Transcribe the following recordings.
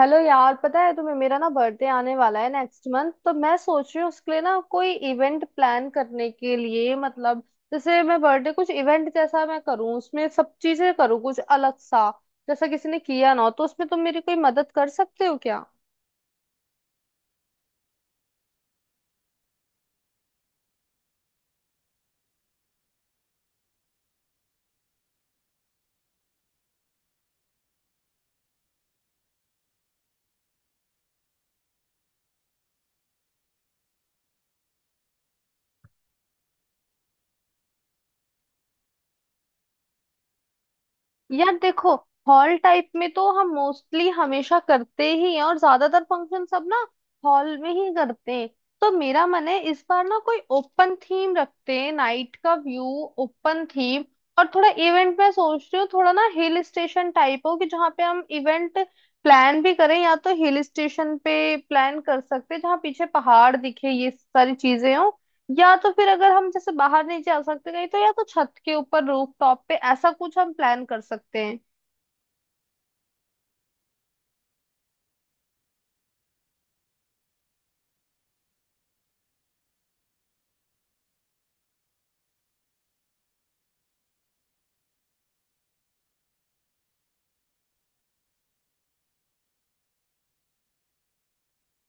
Hello यार, पता है तुम्हें मेरा ना बर्थडे आने वाला है नेक्स्ट मंथ। तो मैं सोच रही हूँ उसके लिए ना कोई इवेंट प्लान करने के लिए, मतलब जैसे मैं बर्थडे कुछ इवेंट जैसा मैं करूँ, उसमें सब चीजें करूँ कुछ अलग सा, जैसा किसी ने किया ना हो। तो उसमें तुम मेरी कोई मदद कर सकते हो क्या? यार देखो, हॉल टाइप में तो हम मोस्टली हमेशा करते ही हैं, और ज्यादातर फंक्शन सब ना हॉल में ही करते हैं। तो मेरा मन है इस बार ना कोई ओपन थीम रखते हैं, नाइट का व्यू, ओपन थीम। और थोड़ा इवेंट मैं सोच रही हूँ, थोड़ा ना हिल स्टेशन टाइप हो कि जहाँ पे हम इवेंट प्लान भी करें, या तो हिल स्टेशन पे प्लान कर सकते हैं जहाँ पीछे पहाड़ दिखे, ये सारी चीजें हो। या तो फिर अगर हम जैसे बाहर नहीं जा सकते कहीं, तो या तो छत के ऊपर रूफ टॉप पे ऐसा कुछ हम प्लान कर सकते हैं।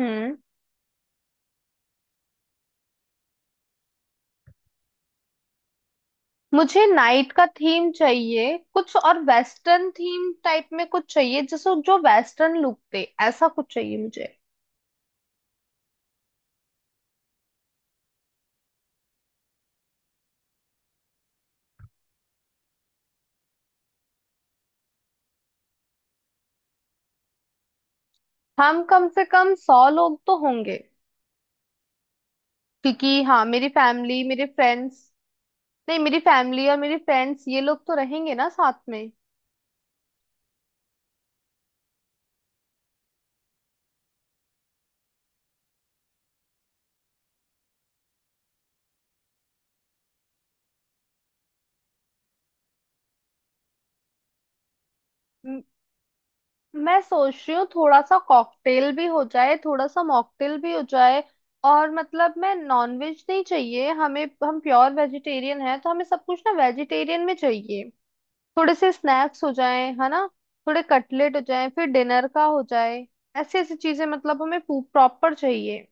हम्म। मुझे नाइट का थीम चाहिए, कुछ और वेस्टर्न थीम टाइप में कुछ चाहिए, जैसे जो वेस्टर्न लुक दे। ऐसा कुछ चाहिए मुझे। हम कम से कम 100 लोग तो होंगे। क्योंकि हाँ, मेरी फैमिली, मेरे फ्रेंड्स, नहीं मेरी फैमिली और मेरे फ्रेंड्स, ये लोग तो रहेंगे ना साथ में। मैं सोच रही हूँ थोड़ा सा कॉकटेल भी हो जाए, थोड़ा सा मॉकटेल भी हो जाए। और मतलब मैं, नॉनवेज नहीं चाहिए हमें, हम प्योर वेजिटेरियन है तो हमें सब कुछ ना वेजिटेरियन में चाहिए। थोड़े से स्नैक्स हो जाए है ना, थोड़े कटलेट हो जाए, फिर डिनर का हो जाए। ऐसी ऐसी चीजें मतलब हमें प्रॉपर चाहिए।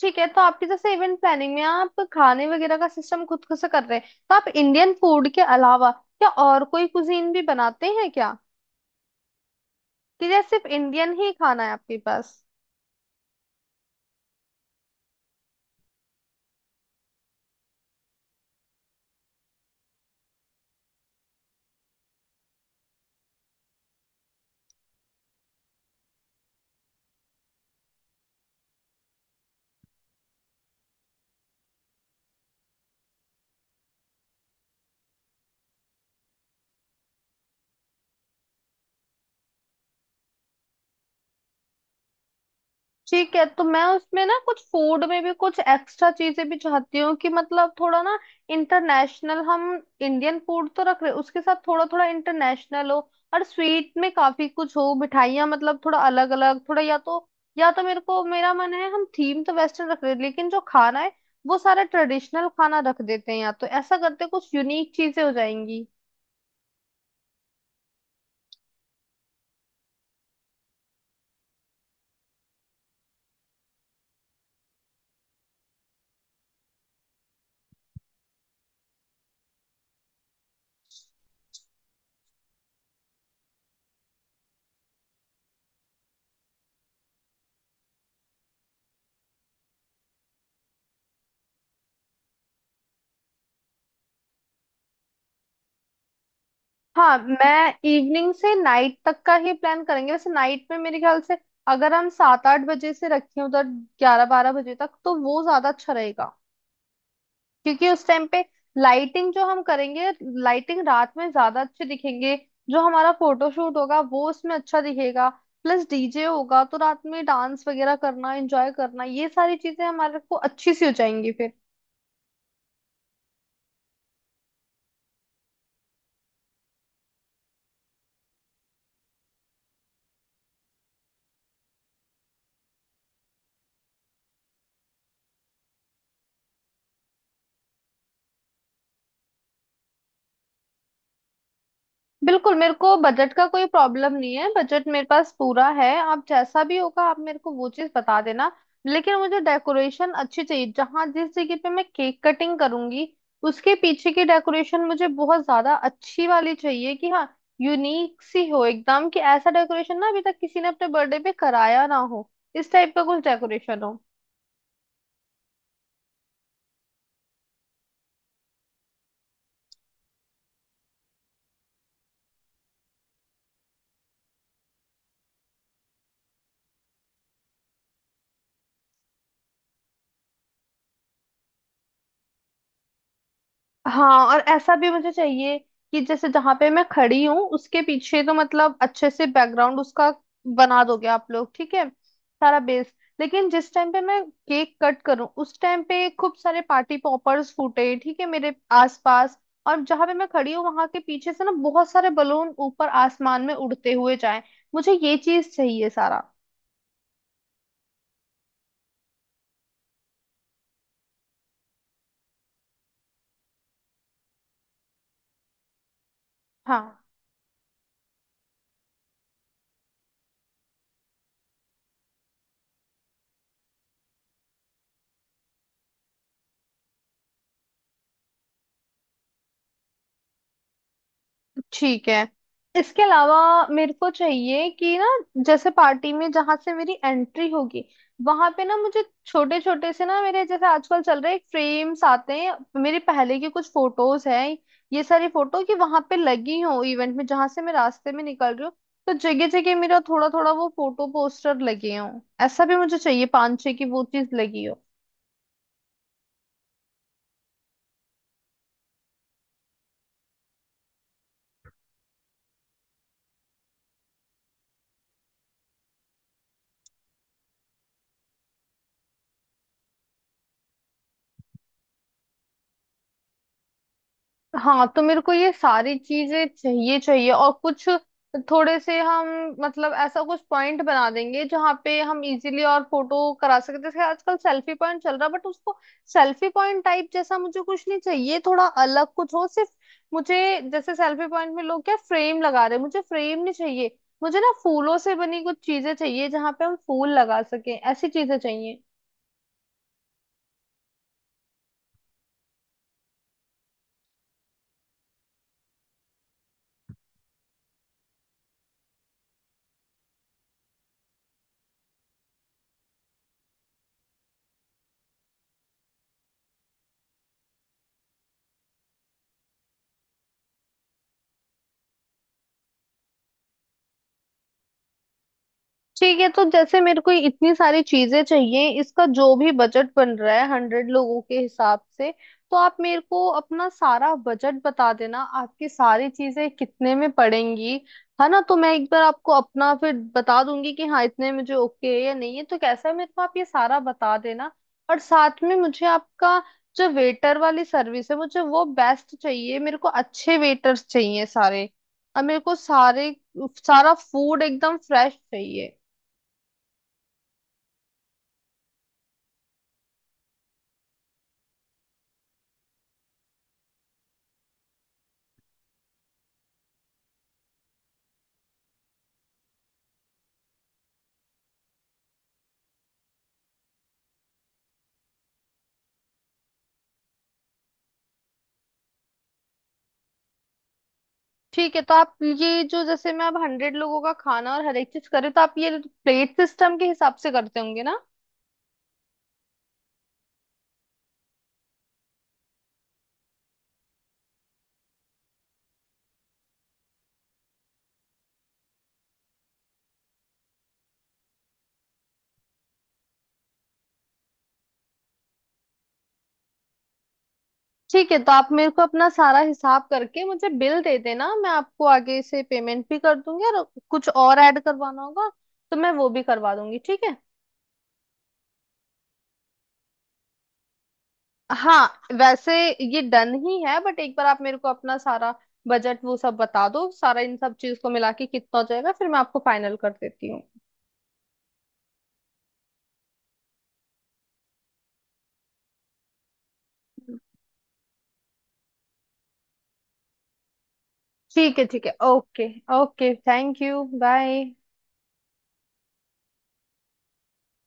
ठीक है। तो आपकी जैसे इवेंट प्लानिंग में आप खाने वगैरह का सिस्टम खुद खुद से कर रहे हैं, तो आप इंडियन फूड के अलावा क्या और कोई कुजीन भी बनाते हैं क्या? ठीक है, सिर्फ इंडियन ही खाना है आपके पास। ठीक है। तो मैं उसमें ना कुछ फूड में भी कुछ एक्स्ट्रा चीजें भी चाहती हूँ, कि मतलब थोड़ा ना इंटरनेशनल हम, इंडियन फूड तो रख रहे हैं, उसके साथ थोड़ा थोड़ा इंटरनेशनल हो। और स्वीट में काफी कुछ हो, मिठाइयाँ, मतलब थोड़ा अलग अलग, थोड़ा या तो, मेरे को मेरा मन है हम थीम तो वेस्टर्न रख रहे हैं, लेकिन जो खाना है वो सारा ट्रेडिशनल खाना रख देते हैं, या तो ऐसा करते हैं, कुछ यूनिक चीजें हो जाएंगी। हाँ, मैं इवनिंग से नाइट तक का ही प्लान करेंगे। वैसे नाइट में मेरे ख्याल से अगर हम 7-8 बजे से रखें, उधर 11-12 बजे तक, तो वो ज्यादा अच्छा रहेगा। क्योंकि उस टाइम पे लाइटिंग जो हम करेंगे, लाइटिंग रात में ज्यादा अच्छे दिखेंगे, जो हमारा फोटोशूट होगा वो उसमें अच्छा दिखेगा। प्लस डीजे होगा तो रात में डांस वगैरह करना, एंजॉय करना, ये सारी चीजें हमारे को अच्छी सी हो जाएंगी। बिल्कुल, मेरे को बजट का कोई प्रॉब्लम नहीं है, बजट मेरे पास पूरा है। आप जैसा भी होगा आप मेरे को वो चीज बता देना। लेकिन मुझे डेकोरेशन अच्छी चाहिए, जहाँ जिस जगह पे मैं केक कटिंग करूंगी उसके पीछे की डेकोरेशन मुझे बहुत ज्यादा अच्छी वाली चाहिए, कि हाँ, यूनिक सी हो एकदम, कि ऐसा डेकोरेशन ना अभी तक किसी ने अपने बर्थडे पे कराया ना हो। इस टाइप का कुछ डेकोरेशन हो। हाँ, और ऐसा भी मुझे चाहिए, कि जैसे जहां पे मैं खड़ी हूँ उसके पीछे तो मतलब अच्छे से बैकग्राउंड उसका बना दोगे आप लोग, ठीक है, सारा बेस। लेकिन जिस टाइम पे मैं केक कट करूँ उस टाइम पे खूब सारे पार्टी पॉपर्स फूटे, ठीक है, मेरे आसपास। और जहां पे मैं खड़ी हूँ वहां के पीछे से ना बहुत सारे बलून ऊपर आसमान में उड़ते हुए जाएं। मुझे ये चीज चाहिए सारा। हाँ। ठीक है। इसके अलावा मेरे को चाहिए कि ना जैसे पार्टी में जहां से मेरी एंट्री होगी, वहां पे ना मुझे छोटे छोटे से ना मेरे जैसे आजकल चल रहे फ्रेम्स आते हैं, मेरे पहले के कुछ फोटोज हैं, ये सारी फोटो कि वहां पे लगी हो इवेंट में, जहां से मैं रास्ते में निकल रही हूँ। तो जगह जगह मेरा थोड़ा थोड़ा वो फोटो पोस्टर लगे हों। ऐसा भी मुझे चाहिए, 5-6 की वो चीज लगी हो। हाँ, तो मेरे को ये सारी चीजें चाहिए, चाहिए। और कुछ थोड़े से हम, मतलब ऐसा कुछ पॉइंट बना देंगे जहाँ पे हम इजीली और फोटो करा सकते हैं। जैसे आजकल सेल्फी पॉइंट चल रहा है बट उसको सेल्फी पॉइंट टाइप जैसा मुझे कुछ नहीं चाहिए, थोड़ा अलग कुछ हो सिर्फ। मुझे जैसे सेल्फी पॉइंट में लोग क्या फ्रेम लगा रहे हैं, मुझे फ्रेम नहीं चाहिए। मुझे ना फूलों से बनी कुछ चीजें चाहिए जहाँ पे हम फूल लगा सकें, ऐसी चीजें चाहिए। ठीक है। तो जैसे मेरे को इतनी सारी चीजें चाहिए, इसका जो भी बजट बन रहा है 100 लोगों के हिसाब से, तो आप मेरे को अपना सारा बजट बता देना, आपकी सारी चीजें कितने में पड़ेंगी। है ना, तो मैं एक बार आपको अपना फिर बता दूंगी कि हाँ, इतने में जो ओके है या नहीं है तो कैसा है, मेरे को आप ये सारा बता देना। और साथ में मुझे आपका जो वेटर वाली सर्विस है मुझे वो बेस्ट चाहिए, मेरे को अच्छे वेटर्स चाहिए सारे। और मेरे को सारे सारा फूड एकदम फ्रेश चाहिए। ठीक है। तो आप ये जो जैसे मैं अब 100 लोगों का खाना और हर एक चीज करे, तो आप ये प्लेट सिस्टम के हिसाब से करते होंगे ना? ठीक है, तो आप मेरे को अपना सारा हिसाब करके मुझे बिल दे देना, मैं आपको आगे से पेमेंट भी कर दूंगी। और कुछ और ऐड करवाना होगा तो मैं वो भी करवा दूंगी, ठीक है। हाँ। वैसे ये डन ही है, बट एक बार आप मेरे को अपना सारा बजट वो सब बता दो, सारा इन सब चीज को मिला के कितना हो जाएगा, फिर मैं आपको फाइनल कर देती हूँ। ठीक है, ठीक है, okay. Okay, thank you, bye.